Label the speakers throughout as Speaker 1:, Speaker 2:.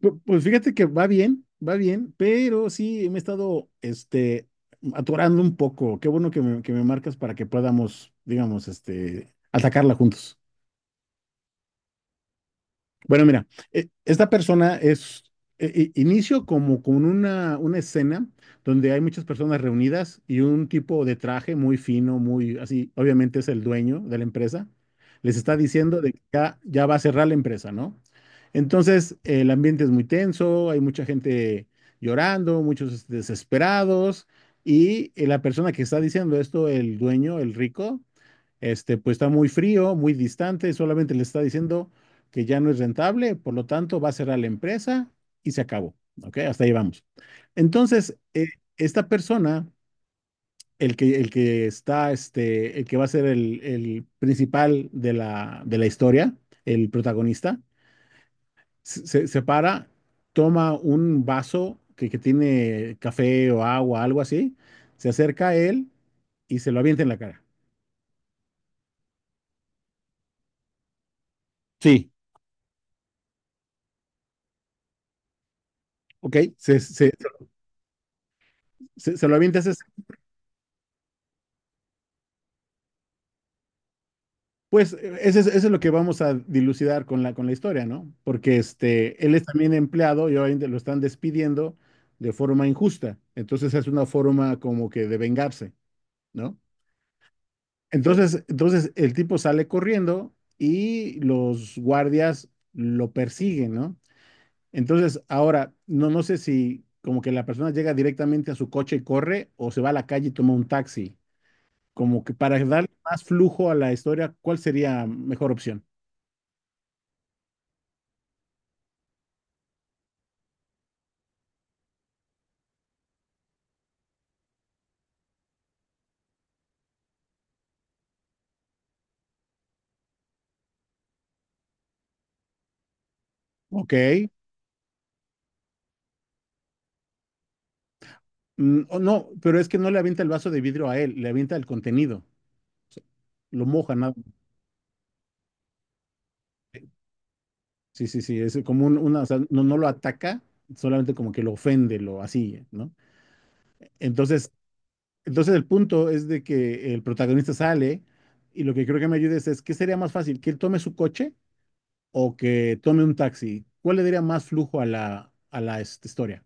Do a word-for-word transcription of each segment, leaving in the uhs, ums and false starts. Speaker 1: Pu- Pues fíjate que va bien, va bien, pero sí me he estado este, atorando un poco. Qué bueno que me, que me marcas para que podamos, digamos, este, atacarla juntos. Bueno, mira, e- esta persona es, e- e- inicio como con una, una escena donde hay muchas personas reunidas y un tipo de traje muy fino, muy así, obviamente es el dueño de la empresa, les está diciendo de que ya, ya va a cerrar la empresa, ¿no? Entonces, el ambiente es muy tenso, hay mucha gente llorando, muchos desesperados y eh, la persona que está diciendo esto, el dueño, el rico, este, pues está muy frío, muy distante, solamente le está diciendo que ya no es rentable, por lo tanto va a cerrar la empresa y se acabó. ¿Ok? Hasta ahí vamos. Entonces, eh, esta persona, el que, el que está, este, el que va a ser el, el principal de la, de la historia, el protagonista, se, se- se para, toma un vaso que, que tiene café o agua, algo así, se acerca a él y se lo avienta en la cara. Sí, ok. Se, se, se, se lo avientas, es- pues eso es, eso es lo que vamos a dilucidar con la, con la historia, ¿no? Porque este, él es también empleado y obviamente lo están despidiendo de forma injusta. Entonces es una forma como que de vengarse, ¿no? Entonces, entonces el tipo sale corriendo y los guardias lo persiguen, ¿no? Entonces, ahora, no, no sé si como que la persona llega directamente a su coche y corre o se va a la calle y toma un taxi. Como que para darle más flujo a la historia, ¿cuál sería mejor opción? Ok. Mm, o no, pero es que no le avienta el vaso de vidrio a él, le avienta el contenido, lo moja nada. Sí, sí, sí, es como un- una, o sea, no, no lo ataca, solamente como que lo ofende, lo así, ¿no? Entonces, entonces el punto es de que el protagonista sale y lo que creo que me ayudes es, ¿qué sería más fácil? ¿Que él tome su coche o que tome un taxi? ¿Cuál le daría más flujo a la, a la este, historia?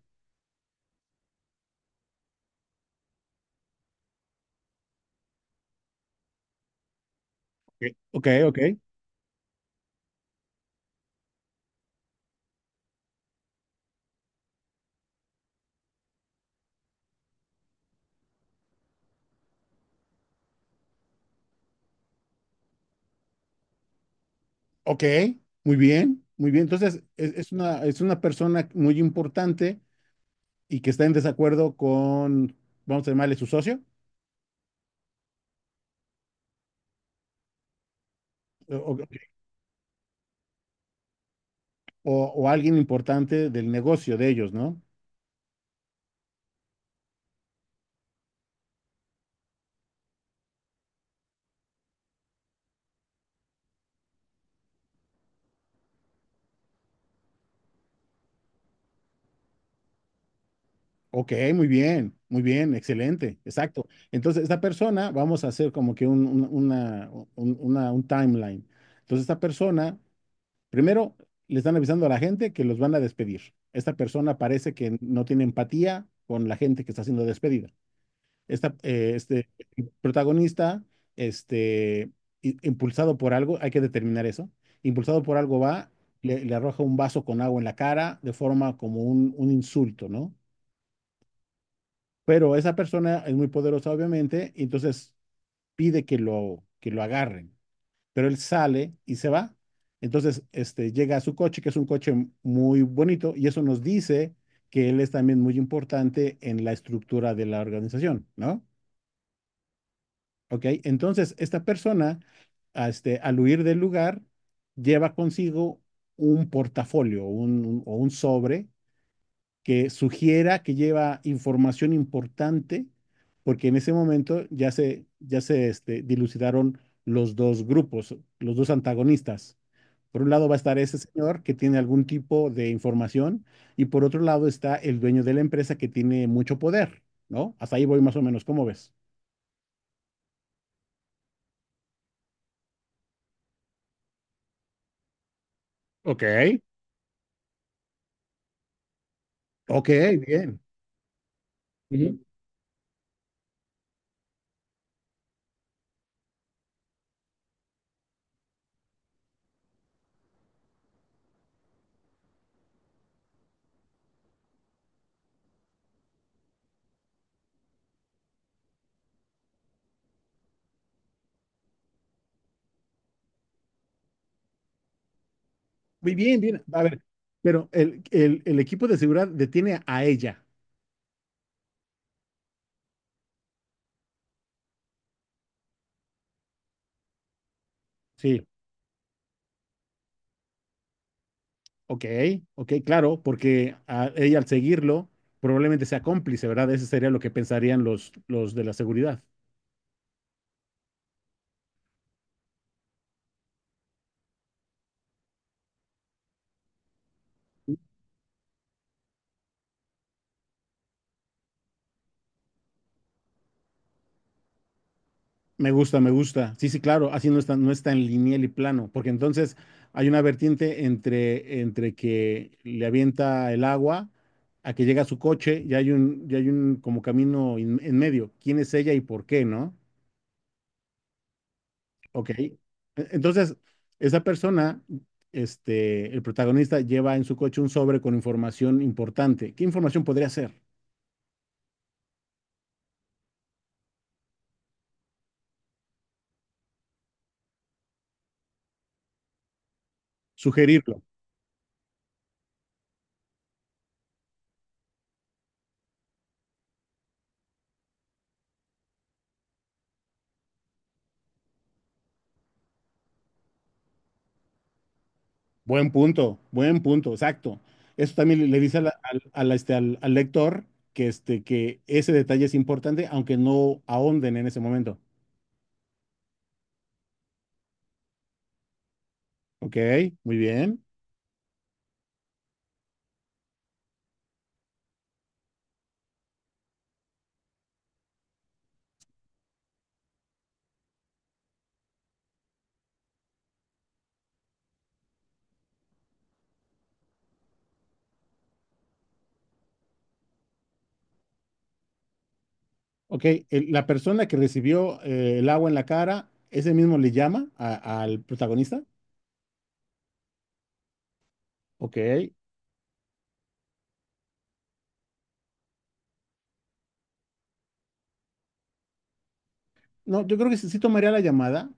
Speaker 1: Ok, ok. Ok. Ok, muy bien, muy bien. Entonces, es, es una, es una persona muy importante y que está en desacuerdo con, vamos a llamarle su socio, o, o- ok, o alguien importante del negocio de ellos, ¿no? Ok, muy bien, muy bien, excelente, exacto. Entonces, esta persona, vamos a hacer como que un, un- una, un, una- un timeline. Entonces, esta persona, primero, le están avisando a la gente que los van a despedir. Esta persona parece que no tiene empatía con la gente que está siendo despedida. Esta, eh, este protagonista, este, i- impulsado por algo, hay que determinar eso, impulsado por algo va, le, le arroja un vaso con agua en la cara de forma como un, un insulto, ¿no? Pero esa persona es muy poderosa, obviamente, y entonces pide que lo, que lo agarren, pero él sale y se va. Entonces, este, llega a su coche, que es un coche muy bonito, y eso nos dice que él es también muy importante en la estructura de la organización, ¿no? ¿Ok? Entonces, esta persona, a este, al huir del lugar, lleva consigo un portafolio un- un- o un sobre que sugiera que lleva información importante, porque en ese momento ya se, ya se este, dilucidaron los dos grupos, los dos antagonistas. Por un lado va a estar ese señor que tiene algún tipo de información y por otro lado está el dueño de la empresa que tiene mucho poder, ¿no? Hasta ahí voy más o menos, ¿cómo ves? Ok. Ok, bien. Ujú. Muy bien, bien. A ver, pero el, el- el equipo de seguridad detiene a ella. Sí, ok, ok, claro, porque a ella al seguirlo probablemente sea cómplice, ¿verdad? Ese sería lo que pensarían los, los de la seguridad. Me gusta, me gusta. Sí, sí, claro, así no está, no está en lineal y plano, porque entonces hay una vertiente entre, entre que le avienta el agua a que llega a su coche y hay un, y hay un como camino in- en medio. ¿Quién es ella y por qué, no? Ok. E- Entonces, esa persona, este, el protagonista lleva en su coche un sobre con información importante. ¿Qué información podría ser? Sugerirlo. Buen punto, buen punto, exacto. Eso también le le dice a la- al, al, este, al- al lector que, este, que ese detalle es importante, aunque no ahonden en ese momento. Ok, muy bien. Ok, el- la persona que recibió eh, el agua en la cara, ese mismo le llama a- al protagonista. Ok. No, yo creo que sí, sí tomaría la llamada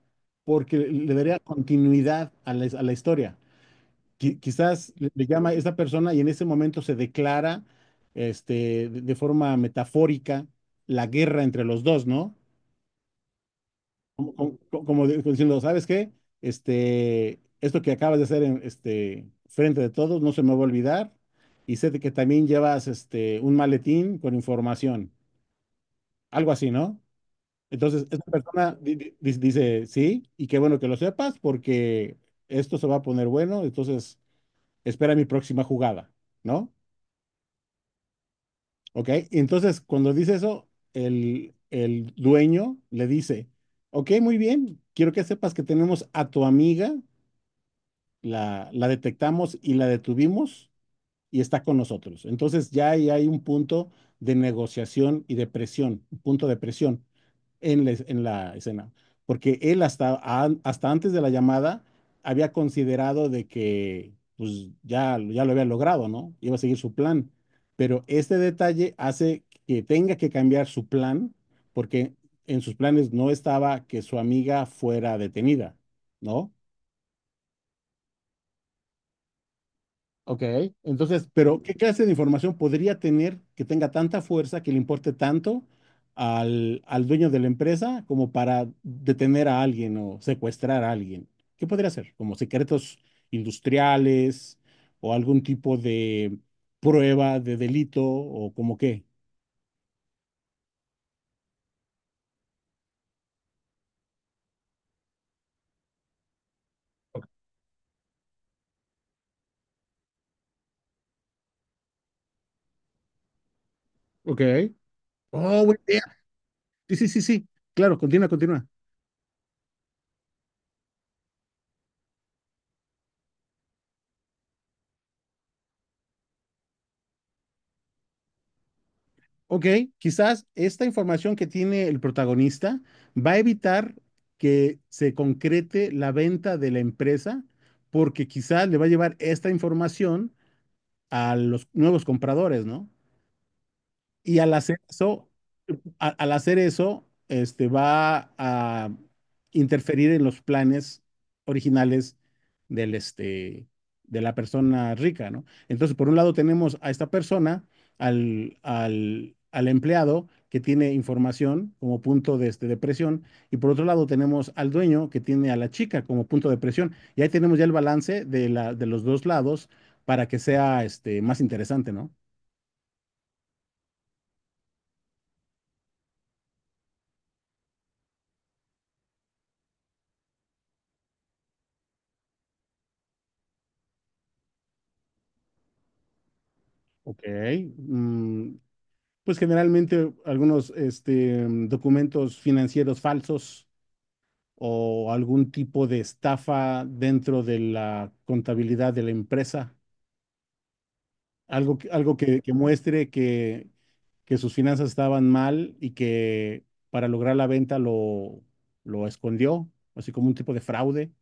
Speaker 1: porque le daría continuidad a la, a la historia. Qui- quizás le, le llama a esta persona y en ese momento se declara este, de, de forma metafórica la guerra entre los dos, ¿no? Como, como- como- como de- como diciendo, ¿sabes qué? Este, esto que acabas de hacer en, este, frente de todos no se me va a olvidar y sé de que también llevas este, un maletín con información, algo así, ¿no? Entonces, esta persona di- di- di- dice, sí, y qué bueno que lo sepas porque esto se va a poner bueno, entonces espera mi próxima jugada, ¿no? Ok, y entonces cuando dice eso, el, el dueño le dice, ok, muy bien, quiero que sepas que tenemos a tu amiga, la, la detectamos y la detuvimos y está con nosotros. Entonces ya ahí hay un punto de negociación y de presión, un punto de presión en la, en la escena, porque él hasta, an- hasta antes de la llamada había considerado de que pues ya, ya lo había logrado, ¿no? Iba a seguir su plan, pero este detalle hace que tenga que cambiar su plan porque en sus planes no estaba que su amiga fuera detenida, ¿no? Ok, entonces, pero ¿qué clase de información podría tener que tenga tanta fuerza, que le importe tanto al, al dueño de la empresa como para detener a alguien o secuestrar a alguien? ¿Qué podría ser? ¿Como secretos industriales o algún tipo de prueba de delito o como qué? Ok. Oh, buena idea. Sí, sí, sí, sí. Claro, continúa, continúa. Ok, quizás esta información que tiene el protagonista va a evitar que se concrete la venta de la empresa, porque quizás le va a llevar esta información a los nuevos compradores, ¿no? Y al hacer eso, a- al hacer eso, este va a interferir en los planes originales del este de la persona rica, ¿no? Entonces, por un lado tenemos a esta persona, al, al, al empleado que tiene información como punto de, este, de presión, y por otro lado tenemos al dueño que tiene a la chica como punto de presión. Y ahí tenemos ya el balance de la, de los dos lados para que sea este, más interesante, ¿no? Ok, mm, pues generalmente algunos este, documentos financieros falsos o algún tipo de estafa dentro de la contabilidad de la empresa, algo, que- algo que, que muestre que, que sus finanzas estaban mal y que para lograr la venta lo, lo escondió, así como un tipo de fraude.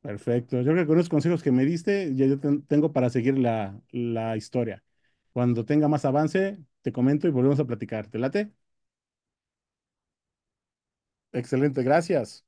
Speaker 1: Perfecto. Yo creo que con los consejos que me diste, ya yo ten- tengo para seguir la, la historia. Cuando tenga más avance, te comento y volvemos a platicar. ¿Te late? Excelente, gracias.